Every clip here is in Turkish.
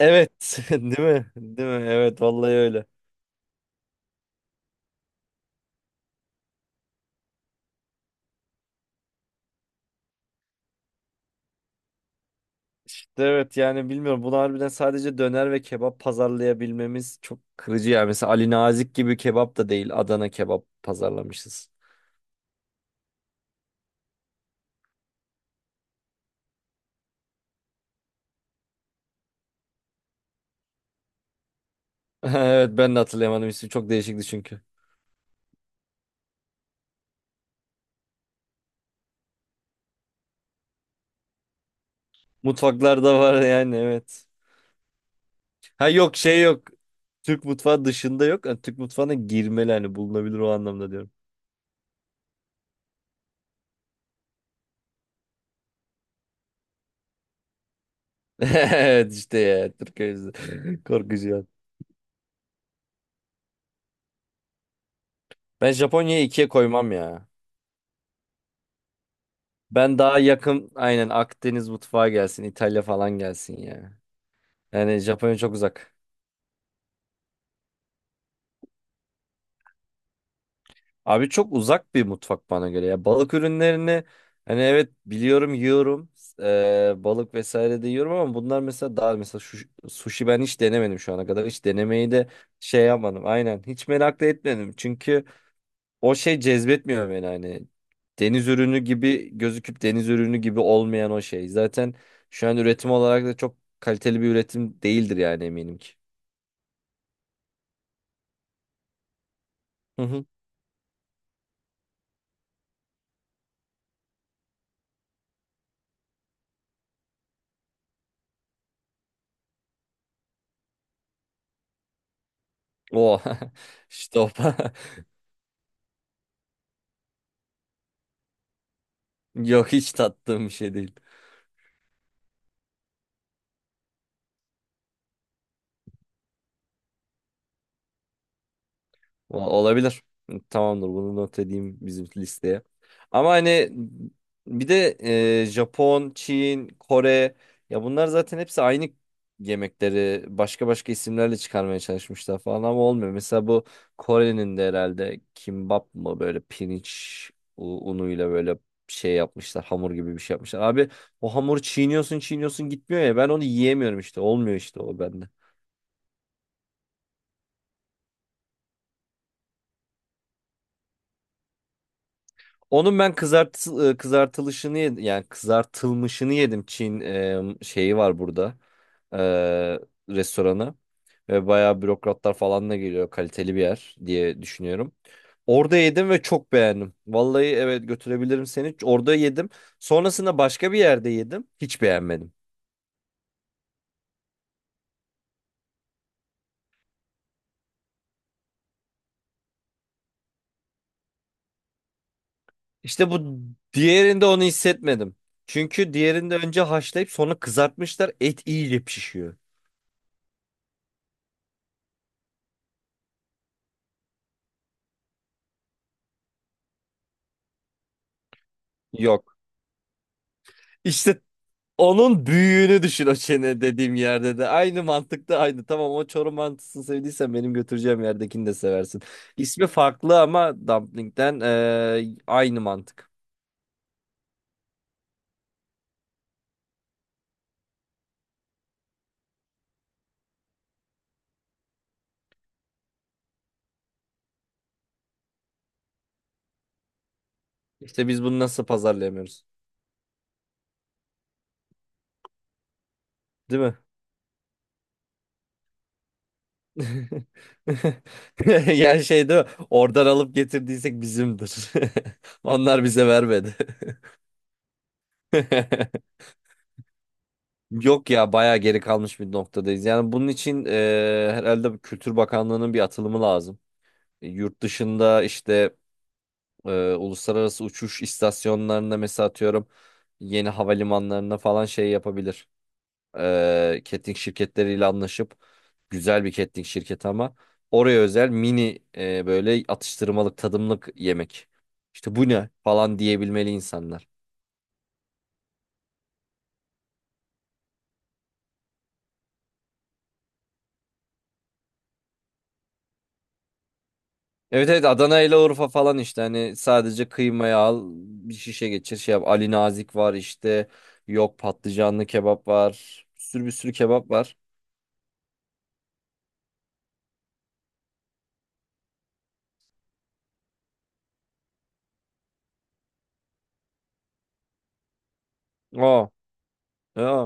Evet, değil mi? Değil mi? Evet, vallahi öyle. İşte evet yani bilmiyorum. Bunu harbiden sadece döner ve kebap pazarlayabilmemiz çok kırıcı yani. Mesela Ali Nazik gibi kebap da değil, Adana kebap pazarlamışız. Evet, ben de hatırlayamadım ismi. Çok değişikti çünkü. Mutfaklarda var yani, evet. Ha, yok şey yok. Türk mutfağı dışında yok. Yani Türk mutfağına girmeli, hani bulunabilir o anlamda diyorum. Evet, işte ya Türk öyle. Korkucu ya. Ben Japonya'yı ikiye koymam ya. Ben daha yakın, aynen Akdeniz mutfağı gelsin, İtalya falan gelsin ya. Yani Japonya çok uzak. Abi çok uzak bir mutfak bana göre ya. Balık ürünlerini hani evet biliyorum, yiyorum. Balık vesaire de yiyorum, ama bunlar mesela daha mesela şu, sushi ben hiç denemedim şu ana kadar. Hiç denemeyi de şey yapmadım. Aynen hiç merak da etmedim. Çünkü o şey cezbetmiyor beni hani. Deniz ürünü gibi gözüküp deniz ürünü gibi olmayan o şey. Zaten şu an üretim olarak da çok kaliteli bir üretim değildir yani, eminim ki. Hı hı. O işte o. Yok, hiç tattığım bir şey değil. Olabilir. Tamamdır, bunu not edeyim bizim listeye. Ama hani bir de Japon, Çin, Kore, ya bunlar zaten hepsi aynı yemekleri başka başka isimlerle çıkarmaya çalışmışlar falan ama olmuyor. Mesela bu Kore'nin de herhalde kimbap mı, böyle pirinç unuyla böyle şey yapmışlar, hamur gibi bir şey yapmışlar. Abi o hamuru çiğniyorsun çiğniyorsun gitmiyor ya, ben onu yiyemiyorum işte, olmuyor işte o bende. Onun ben kızartılışını yedim. Yani kızartılmışını yedim. Çin şeyi var burada. E, restoranı. Ve bayağı bürokratlar falan da geliyor. Kaliteli bir yer diye düşünüyorum. Orada yedim ve çok beğendim. Vallahi evet, götürebilirim seni. Orada yedim. Sonrasında başka bir yerde yedim. Hiç beğenmedim. İşte bu diğerinde onu hissetmedim. Çünkü diğerinde önce haşlayıp sonra kızartmışlar. Et iyice pişiyor. Yok. İşte onun büyüğünü düşün o çene dediğim yerde de. Aynı mantıkta aynı. Tamam, o Çorum mantısını sevdiysen benim götüreceğim yerdekini de seversin. İsmi farklı ama dumpling'den aynı mantık. İşte biz bunu nasıl pazarlayamıyoruz? Değil mi? Yani şey değil mi? Oradan alıp getirdiysek bizimdir. Onlar bize vermedi. Yok ya, bayağı geri kalmış bir noktadayız. Yani bunun için herhalde Kültür Bakanlığı'nın bir atılımı lazım. Yurt dışında işte uluslararası uçuş istasyonlarında mesela atıyorum yeni havalimanlarına falan şey yapabilir. Catering şirketleriyle anlaşıp güzel bir catering şirketi, ama oraya özel mini böyle atıştırmalık tadımlık yemek. İşte bu ne falan diyebilmeli insanlar. Evet, evet, Adana ile Urfa falan işte, hani sadece kıymayı al bir şişe geçir şey yap. Ali Nazik var işte, yok patlıcanlı kebap var, bir sürü bir sürü kebap var. Aa, aa.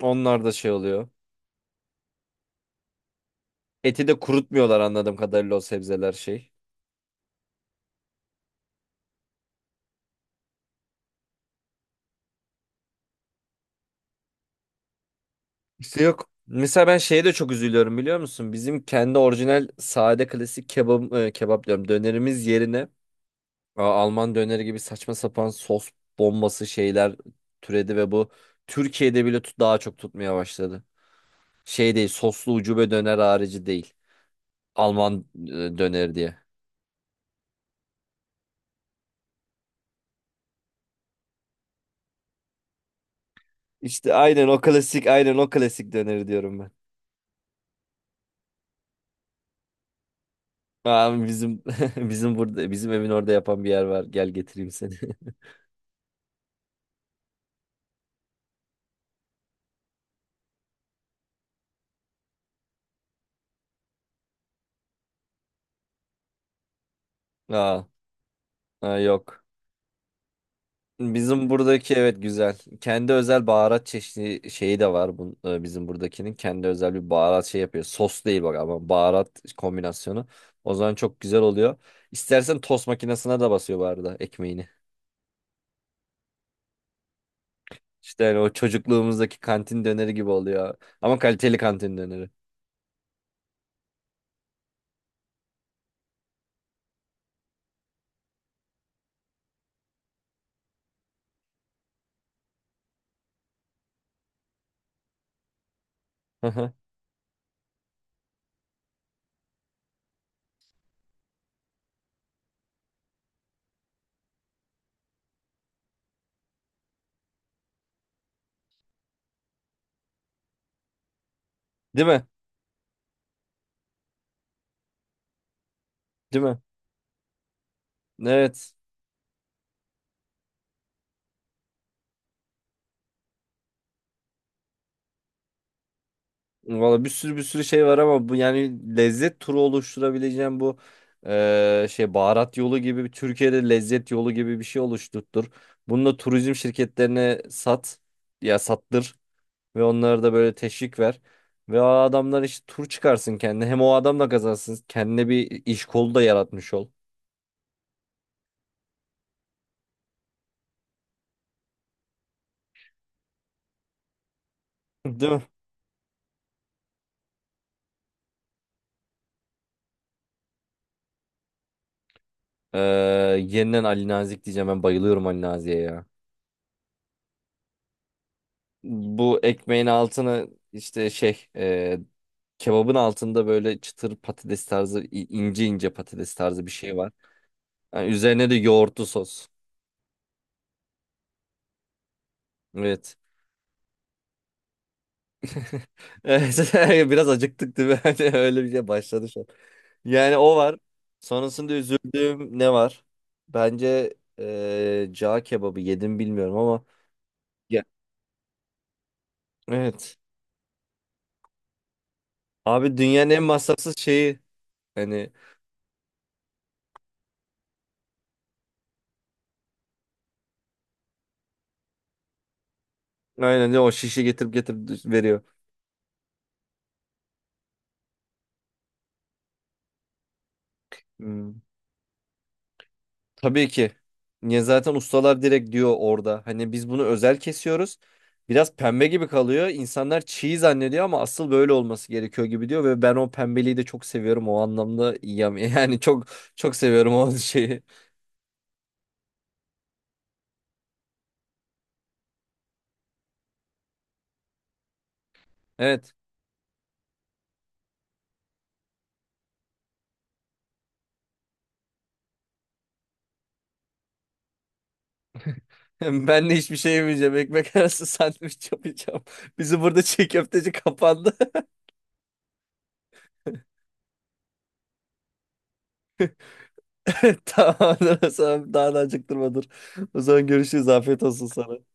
Onlar da şey oluyor. Eti de kurutmuyorlar anladığım kadarıyla, o sebzeler şey. İşte yok. Mesela ben şeye de çok üzülüyorum, biliyor musun? Bizim kendi orijinal sade klasik kebap, kebap diyorum, dönerimiz yerine Alman döneri gibi saçma sapan sos bombası şeyler türedi ve bu Türkiye'de bile daha çok tutmaya başladı. Şey değil, soslu ucube döner harici değil. Alman döneri diye. İşte aynen o klasik, aynen o klasik döneri diyorum ben. Aa, bizim bizim burada bizim evin orada yapan bir yer var. Gel getireyim seni. Aa, ha, yok. Bizim buradaki, evet güzel. Kendi özel baharat çeşidi şeyi de var bizim buradakinin. Kendi özel bir baharat şey yapıyor. Sos değil bak, ama baharat kombinasyonu. O zaman çok güzel oluyor. İstersen tost makinesine de basıyor bu arada ekmeğini. İşte hani o çocukluğumuzdaki kantin döneri gibi oluyor. Ama kaliteli kantin döneri. Hı hı. Değil mi? Değil mi? Evet. Valla bir sürü bir sürü şey var ama bu yani lezzet turu oluşturabileceğim bu şey baharat yolu gibi Türkiye'de lezzet yolu gibi bir şey oluşturtur. Bunu da turizm şirketlerine sat ya sattır, ve onlara da böyle teşvik ver. Ve o adamlar işte tur çıkarsın kendine, hem o adam da kazansın kendine, bir iş kolu da yaratmış ol. Değil mi? Eee, yeniden Ali Nazik diyeceğim, ben bayılıyorum Ali Nazik'e ya. Bu ekmeğin altını işte şey, kebabın altında böyle çıtır patates tarzı, ince ince patates tarzı bir şey var. Yani üzerine de yoğurtlu sos. Evet. Evet, biraz acıktık değil mi? Hani öyle bir şey başladı şu an. Yani o var. Sonrasında üzüldüğüm ne var? Bence cağ kebabı yedim bilmiyorum ama, ya, evet. Abi dünyanın en masrafsız şeyi, hani aynen o şişi getirip getirip veriyor. Hmm. Tabii ki. Niye zaten ustalar direkt diyor orada. Hani biz bunu özel kesiyoruz. Biraz pembe gibi kalıyor. İnsanlar çiğ zannediyor ama asıl böyle olması gerekiyor gibi diyor, ve ben o pembeliği de çok seviyorum o anlamda. Yani çok çok seviyorum o şeyi. Evet. Ben de hiçbir şey yemeyeceğim. Ekmek arası sandviç yapacağım. Bizi burada çiğ köfteci kapandı. Tamam. O zaman daha da acıktırma, dur. O zaman görüşürüz. Afiyet olsun sana.